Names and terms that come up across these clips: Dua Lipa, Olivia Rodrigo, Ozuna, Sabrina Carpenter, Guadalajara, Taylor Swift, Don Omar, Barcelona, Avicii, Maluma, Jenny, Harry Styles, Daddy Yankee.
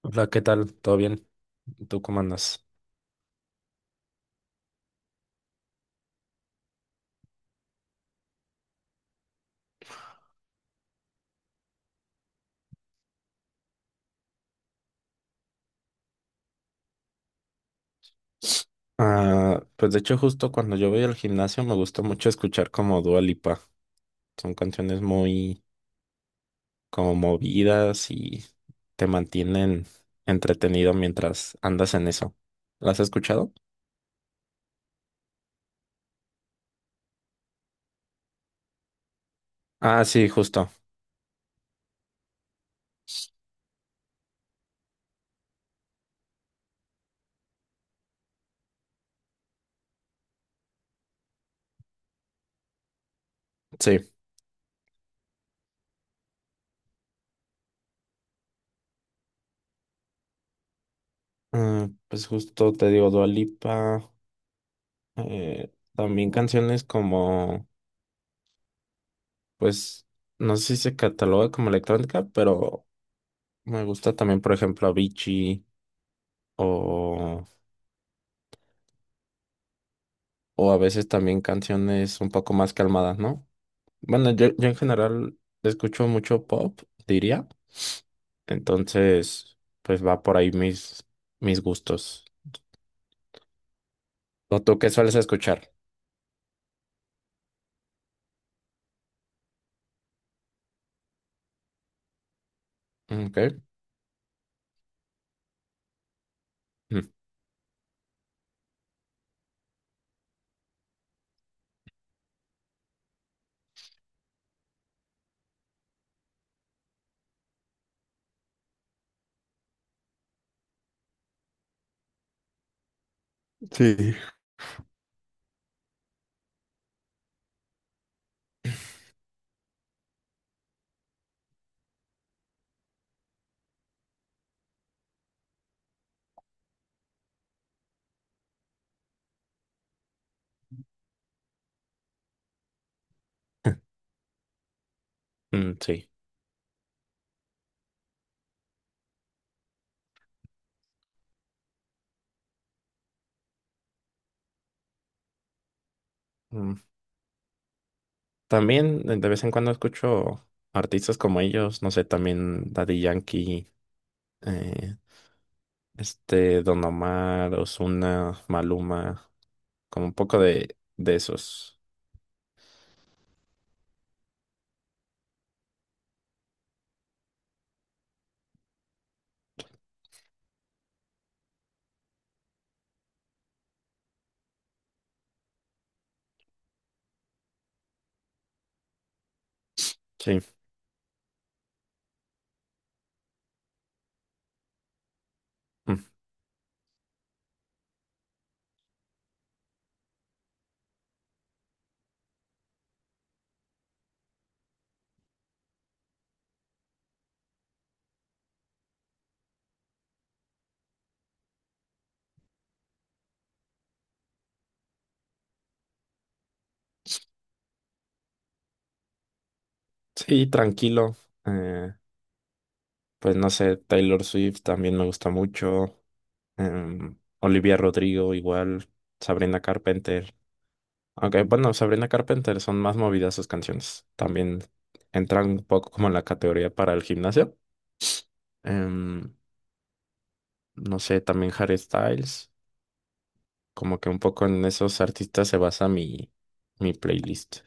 Hola, ¿qué tal? ¿Todo bien? ¿Tú cómo andas? Ah, pues de hecho justo cuando yo voy al gimnasio me gusta mucho escuchar como Dua Lipa. Son canciones muy como movidas y te mantienen entretenido mientras andas en eso. ¿Las has escuchado? Ah, sí, justo. Sí. Ah, pues justo te digo Dua Lipa. eh, También canciones como, pues, no sé si se cataloga como electrónica, pero me gusta también, por ejemplo, Avicii o... O a veces también canciones un poco más calmadas, ¿no? Bueno, yo en general escucho mucho pop, diría. Entonces, pues va por ahí mis gustos. ¿O tú qué sueles escuchar? Mm, ok. Mm. Sí. Mm, sí. Mm. También de vez en cuando escucho artistas como ellos, no sé, también Daddy Yankee, eh, este Don Omar, Ozuna, Maluma, como un poco de esos. Sí. Mm. Sí, tranquilo. Eh, pues no sé, Taylor Swift también me gusta mucho. Em, Olivia Rodrigo igual. Sabrina Carpenter. Aunque bueno, Sabrina Carpenter son más movidas sus canciones. También entran un poco como en la categoría para el gimnasio. Em, no sé, también Harry Styles. Como que un poco en esos artistas se basa mi playlist.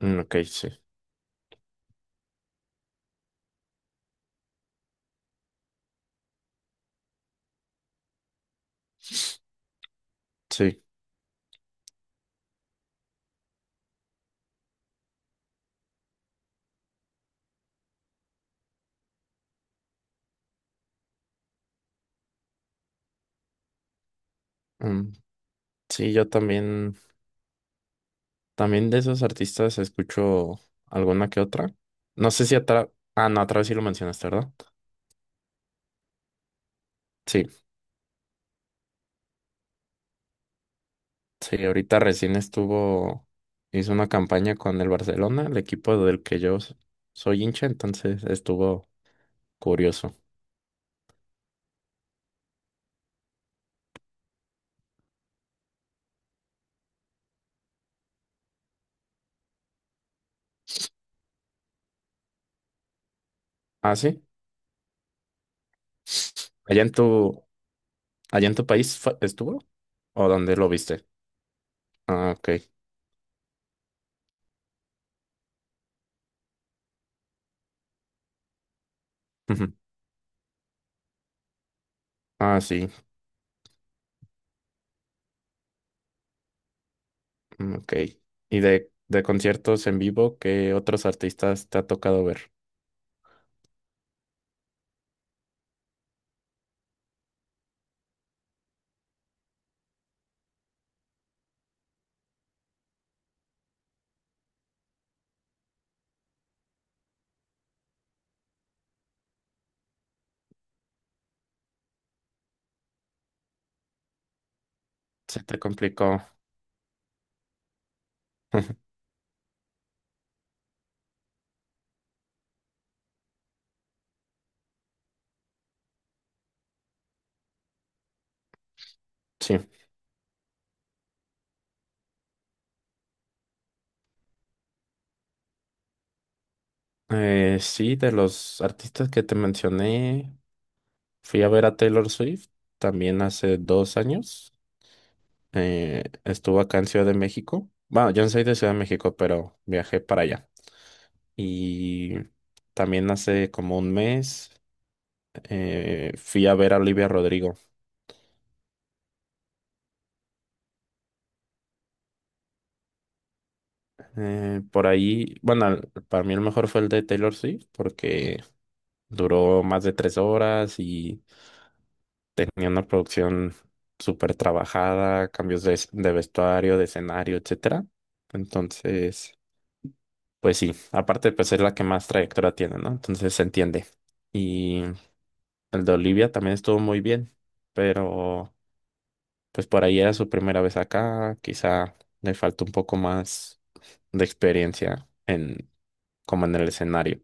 Mm, ok, sí. Sí. Em, sí, yo también. También de esos artistas escucho alguna que otra. No sé si atrás. Ah, no, atrás sí lo mencionaste, ¿verdad? Sí, sí, ahorita recién estuvo. Hizo una campaña con el Barcelona, el equipo del que yo soy hincha, entonces estuvo curioso. Ah, sí. ¿Allá en allá en tu país estuvo? ¿O dónde lo viste? Ah, ok. Ujú. Ah, sí, mm, ok. ¿Y de conciertos en vivo, qué otros artistas te ha tocado ver? Se te complicó. Sí. Sí, de los artistas que te mencioné, fui a ver a Taylor Swift también hace 2 años. Estuvo acá en Ciudad de México. Bueno, yo no soy de Ciudad de México, pero viajé para allá. Y también hace como un mes fui a ver a Olivia Rodrigo. Por ahí, bueno, para mí el mejor fue el de Taylor Swift porque duró más de 3 horas y tenía una producción súper trabajada, cambios de vestuario, de escenario, etcétera. Entonces, pues sí, aparte pues es la que más trayectoria tiene, ¿no? Entonces se entiende. Y el de Olivia también estuvo muy bien, pero pues por ahí era su primera vez acá, quizá le faltó un poco más de experiencia en como en el escenario,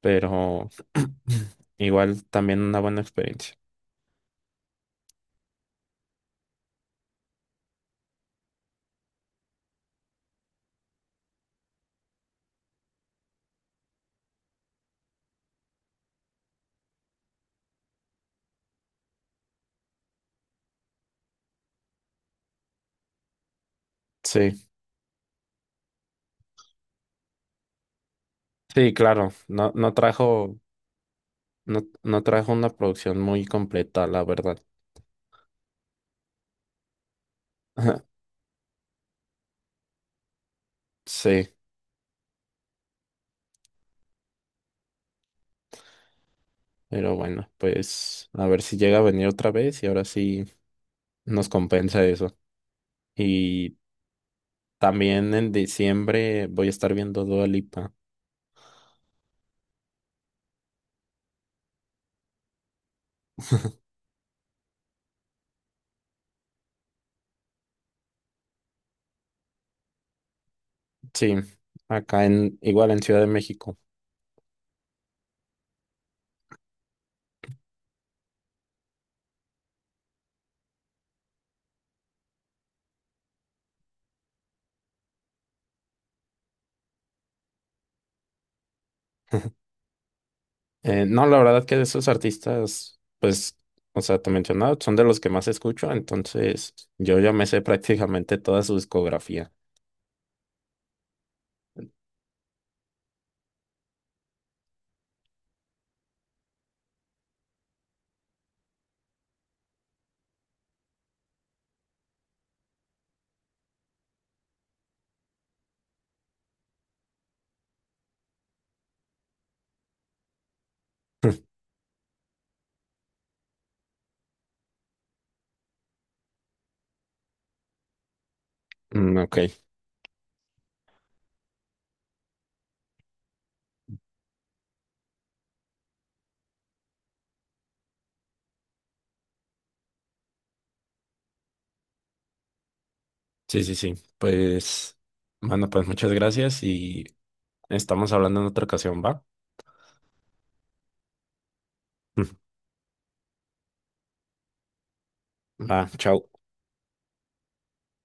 pero igual también una buena experiencia. Sí, sí, claro, No, no trajo una producción muy completa, la verdad. Sí, pero bueno, pues a ver si llega a venir otra vez y ahora sí nos compensa eso. Y también en diciembre voy a estar viendo Dua Lipa. Sí, acá en, igual en Ciudad de México. No, la verdad que de esos artistas, pues, o sea, te mencionaba, son de los que más escucho, entonces yo ya me sé prácticamente toda su discografía. Mm, ok, sí, sí, sí. Pues, bueno, pues muchas gracias y estamos hablando en otra ocasión, ¿va? Ah, chao.